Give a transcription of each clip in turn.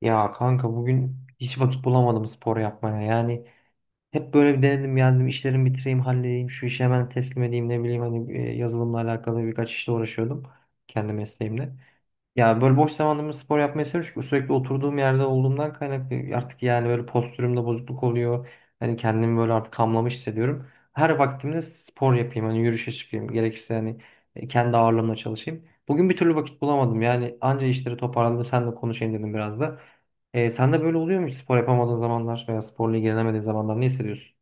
Ya kanka bugün hiç vakit bulamadım spor yapmaya. Yani hep böyle bir denedim geldim işlerimi bitireyim halledeyim şu işi hemen teslim edeyim ne bileyim hani yazılımla alakalı birkaç işle uğraşıyordum kendi mesleğimle. Ya böyle boş zamanımda spor yapmayı seviyorum çünkü sürekli oturduğum yerde olduğumdan kaynaklı artık yani böyle postürümde bozukluk oluyor. Hani kendimi böyle artık hamlamış hissediyorum. Her vaktimde spor yapayım hani yürüyüşe çıkayım gerekirse hani kendi ağırlığımla çalışayım. Bugün bir türlü vakit bulamadım yani anca işleri toparladım senle konuşayım dedim biraz da. Sen de böyle oluyor mu hiç spor yapamadığın zamanlar veya sporla ilgilenemediğin zamanlar ne hissediyorsun?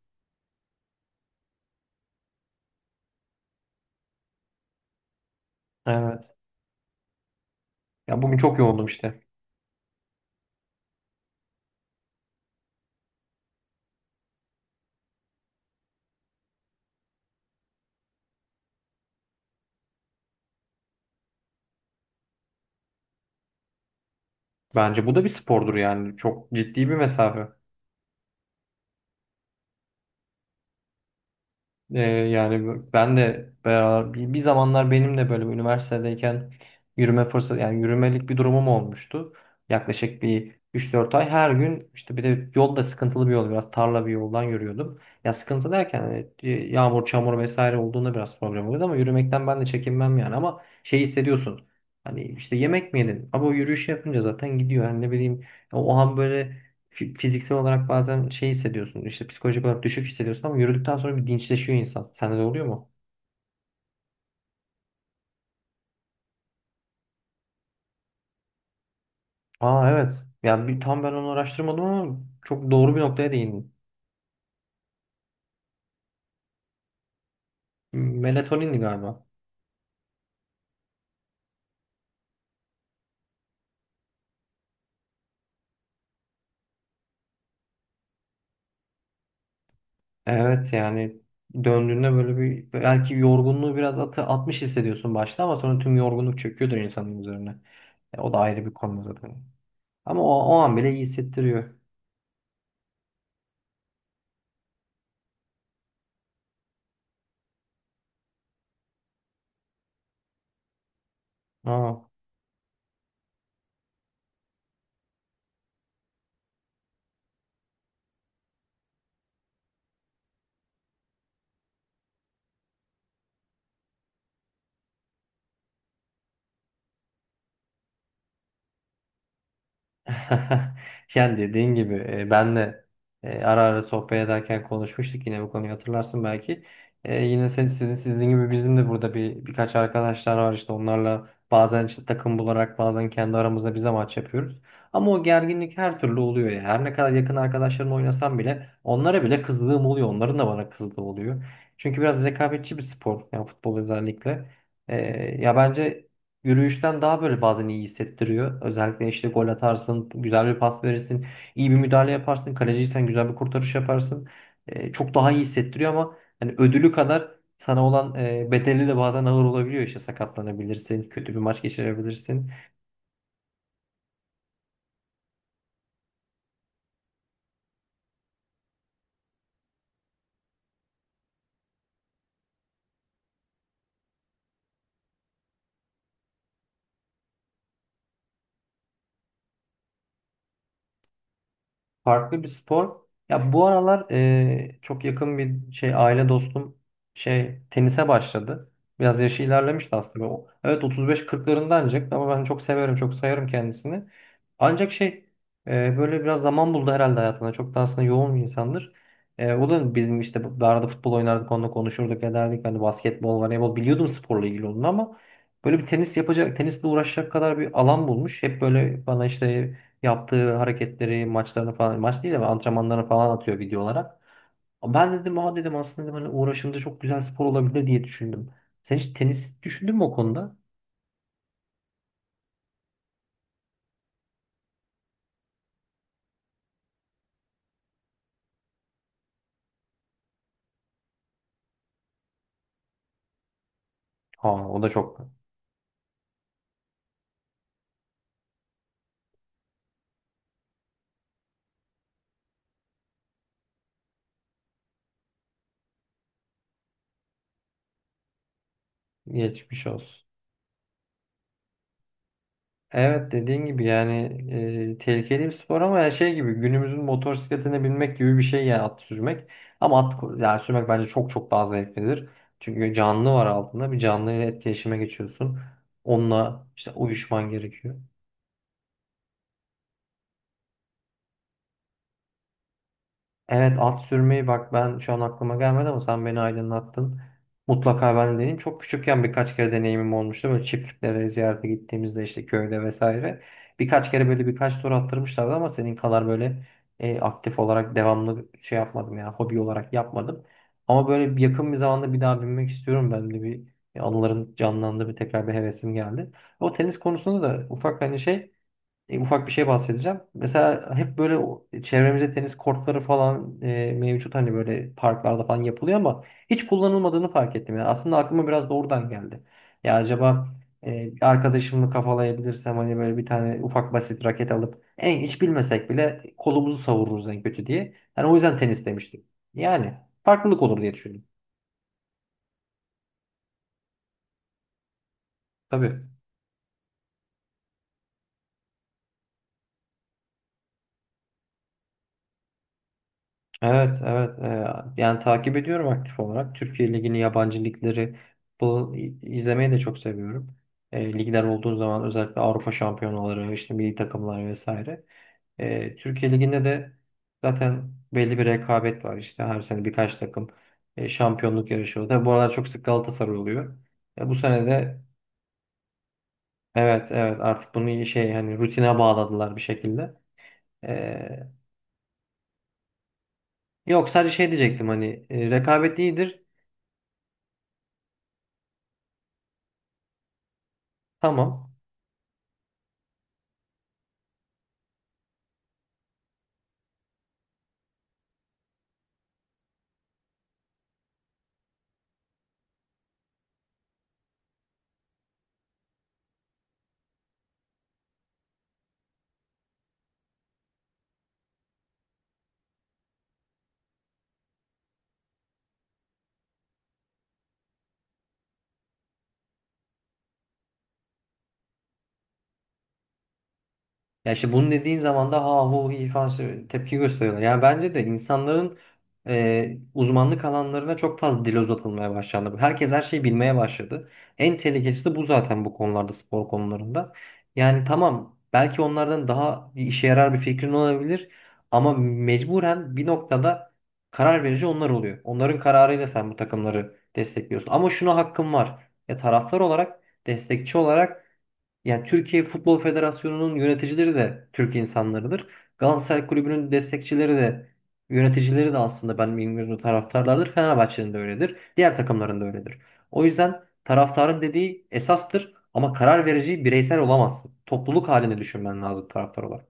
Evet. Ya bugün çok yoğundum işte. Bence bu da bir spordur yani çok ciddi bir mesafe. Yani ben de beraber, bir zamanlar benim de böyle üniversitedeyken yürüme fırsatı yani yürümelik bir durumum olmuştu. Yaklaşık bir 3-4 ay her gün işte bir de yol da sıkıntılı bir yol biraz tarla bir yoldan yürüyordum. Ya sıkıntı derken hani, yağmur çamur vesaire olduğunda biraz problem oluyordu ama yürümekten ben de çekinmem yani ama şey hissediyorsun. Hani işte yemek mi yedin? Ama o yürüyüş yapınca zaten gidiyor. Yani ne bileyim o an böyle fiziksel olarak bazen şey hissediyorsun. İşte psikolojik olarak düşük hissediyorsun ama yürüdükten sonra bir dinçleşiyor insan. Sende de oluyor mu? Aa evet. Yani tam ben onu araştırmadım ama çok doğru bir noktaya değindin. Melatonindi galiba. Evet yani döndüğünde böyle bir belki yorgunluğu biraz atmış hissediyorsun başta ama sonra tüm yorgunluk çöküyordur insanın üzerine. O da ayrı bir konu zaten. Ama o an bile iyi hissettiriyor. Aa. Yani dediğin gibi ben de ara ara sohbet ederken konuşmuştuk yine bu konuyu hatırlarsın belki. Yine sen, sizin gibi bizim de burada birkaç arkadaşlar var işte onlarla bazen işte takım bularak bazen kendi aramızda bize maç yapıyoruz. Ama o gerginlik her türlü oluyor ya. Her ne kadar yakın arkadaşlarımla oynasam bile onlara bile kızdığım oluyor. Onların da bana kızdığı oluyor. Çünkü biraz rekabetçi bir spor yani futbol özellikle. E, ya bence yürüyüşten daha böyle bazen iyi hissettiriyor. Özellikle işte gol atarsın, güzel bir pas verirsin, iyi bir müdahale yaparsın, kaleciysen güzel bir kurtarış yaparsın. Çok daha iyi hissettiriyor ama hani ödülü kadar sana olan bedeli de bazen ağır olabiliyor. İşte sakatlanabilirsin, kötü bir maç geçirebilirsin. Farklı bir spor. Ya bu aralar çok yakın bir şey aile dostum şey tenise başladı. Biraz yaşı ilerlemişti aslında. O, evet 35-40'larında ancak ama ben çok severim, çok sayarım kendisini. Ancak şey böyle biraz zaman buldu herhalde hayatına. Çok da aslında yoğun bir insandır. O da bizim işte arada futbol oynardık, onunla konuşurduk, ederdik. Hani basketbol, voleybol biliyordum sporla ilgili onun ama böyle bir tenis yapacak, tenisle uğraşacak kadar bir alan bulmuş. Hep böyle bana işte yaptığı hareketleri, maçlarını falan, maç değil de antrenmanlarını falan atıyor video olarak. Ben dedim aa dedim aslında dedim, hani uğraşınca çok güzel spor olabilir diye düşündüm. Sen hiç tenis düşündün mü o konuda? Ha o da çok geçmiş olsun. Evet dediğin gibi yani tehlikeli bir spor ama yani şey gibi günümüzün motosikletine binmek gibi bir şey yani at sürmek. Ama yani sürmek bence çok çok daha zevklidir. Çünkü canlı var altında bir canlı ile etkileşime geçiyorsun. Onunla işte uyuşman gerekiyor. Evet at sürmeyi bak ben şu an aklıma gelmedi ama sen beni aydınlattın. Mutlaka ben de deneyeyim. Çok küçükken birkaç kere deneyimim olmuştu. Böyle çiftliklere ziyarete gittiğimizde işte köyde vesaire. Birkaç kere böyle birkaç tur attırmışlardı ama senin kadar böyle aktif olarak devamlı şey yapmadım ya hobi olarak yapmadım. Ama böyle bir yakın bir zamanda bir daha binmek istiyorum. Ben de bir anılarım canlandı bir tekrar bir hevesim geldi. O tenis konusunda da ufak hani şey ufak bir şey bahsedeceğim. Mesela hep böyle çevremizde tenis kortları falan mevcut hani böyle parklarda falan yapılıyor ama hiç kullanılmadığını fark ettim. Yani aslında aklıma biraz da oradan geldi. Ya acaba bir arkadaşımı kafalayabilirsem hani böyle bir tane ufak basit raket alıp en hiç bilmesek bile kolumuzu savururuz en kötü diye. Yani o yüzden tenis demiştim. Yani farklılık olur diye düşündüm. Tabii. Evet, evet. Yani takip ediyorum aktif olarak. Türkiye Ligi'ni, yabancı ligleri bu izlemeyi de çok seviyorum. Ligler olduğu zaman özellikle Avrupa şampiyonaları, işte milli takımlar vesaire. Türkiye Ligi'nde de zaten belli bir rekabet var. İşte her sene birkaç takım şampiyonluk yarışıyor. Tabii bu aralar çok sık Galatasaray oluyor. Bu sene de evet, evet artık bunu iyi şey hani rutine bağladılar bir şekilde. E, yok sadece şey diyecektim hani rekabet iyidir. Tamam. Ya işte bunu dediğin zaman da ha hu hi falan tepki gösteriyorlar. Yani bence de insanların uzmanlık alanlarına çok fazla dil uzatılmaya başlandı. Herkes her şeyi bilmeye başladı. En tehlikelisi de bu zaten bu konularda spor konularında. Yani tamam belki onlardan daha bir işe yarar bir fikrin olabilir ama mecburen bir noktada karar verici onlar oluyor. Onların kararıyla sen bu takımları destekliyorsun. Ama şuna hakkım var. Ya taraftar olarak, destekçi olarak yani Türkiye Futbol Federasyonu'nun yöneticileri de Türk insanlarıdır. Galatasaray Kulübü'nün destekçileri de yöneticileri de aslında ben bilmiyorum taraftarlardır. Fenerbahçe'nin de öyledir. Diğer takımların da öyledir. O yüzden taraftarın dediği esastır ama karar verici bireysel olamazsın. Topluluk halinde düşünmen lazım taraftar olarak.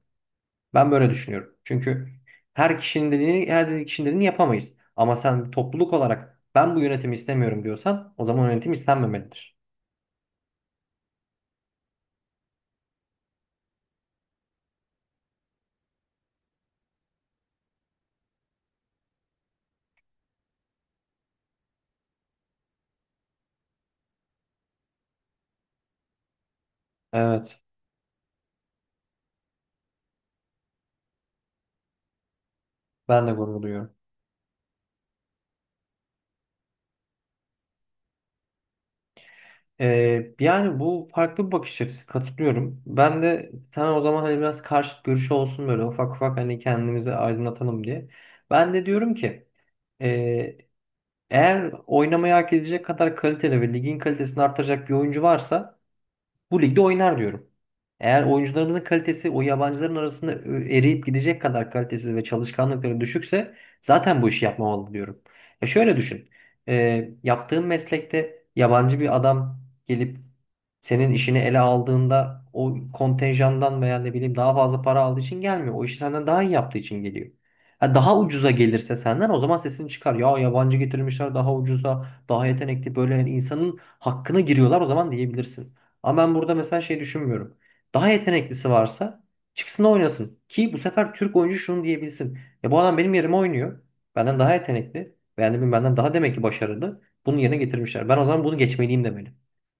Ben böyle düşünüyorum. Çünkü her kişinin dediğini yapamayız. Ama sen topluluk olarak ben bu yönetimi istemiyorum diyorsan o zaman yönetim istenmemelidir. Evet, ben de gurur duyuyorum. Yani bu farklı bir bakış açısı katılıyorum. Ben de sen o zaman hani biraz karşıt görüşü olsun böyle ufak ufak hani kendimizi aydınlatalım diye. Ben de diyorum ki e, eğer oynamayı hak edecek kadar kaliteli ve ligin kalitesini artıracak bir oyuncu varsa bu ligde oynar diyorum. Eğer oyuncularımızın kalitesi o yabancıların arasında eriyip gidecek kadar kalitesiz ve çalışkanlıkları düşükse zaten bu işi yapmamalı diyorum. E şöyle düşün. Yaptığın meslekte yabancı bir adam gelip senin işini ele aldığında o kontenjandan veya ne bileyim daha fazla para aldığı için gelmiyor. O işi senden daha iyi yaptığı için geliyor. Ha, daha ucuza gelirse senden o zaman sesini çıkar. Ya yabancı getirmişler daha ucuza, daha yetenekli böyle yani insanın hakkına giriyorlar o zaman diyebilirsin. Ama ben burada mesela şey düşünmüyorum. Daha yeteneklisi varsa çıksın oynasın. Ki bu sefer Türk oyuncu şunu diyebilsin. Ya bu adam benim yerime oynuyor. Benden daha yetenekli. Yani benden daha demek ki başarılı. Bunun yerine getirmişler. Ben o zaman bunu geçmeliyim demeli.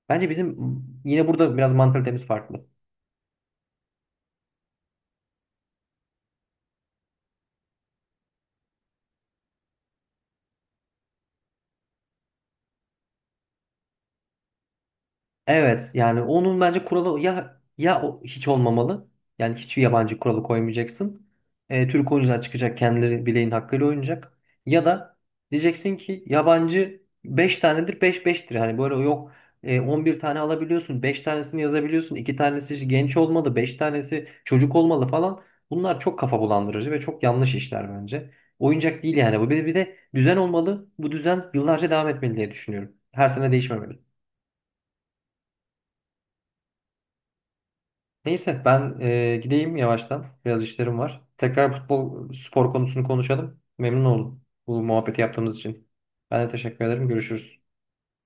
Bence bizim yine burada biraz mantalitemiz farklı. Evet yani onun bence kuralı ya hiç olmamalı. Yani hiçbir yabancı kuralı koymayacaksın. Türk oyuncular çıkacak kendileri bileğin hakkıyla oynayacak. Ya da diyeceksin ki yabancı 5 tanedir 5 5'tir. Hani böyle yok 11 tane alabiliyorsun 5 tanesini yazabiliyorsun 2 tanesi işte genç olmalı 5 tanesi çocuk olmalı falan. Bunlar çok kafa bulandırıcı ve çok yanlış işler bence. Oyuncak değil yani bu bir de düzen olmalı. Bu düzen yıllarca devam etmeli diye düşünüyorum. Her sene değişmemeli. Neyse ben gideyim yavaştan. Biraz işlerim var. Tekrar futbol spor konusunu konuşalım. Memnun oldum bu muhabbeti yaptığımız için. Ben de teşekkür ederim. Görüşürüz.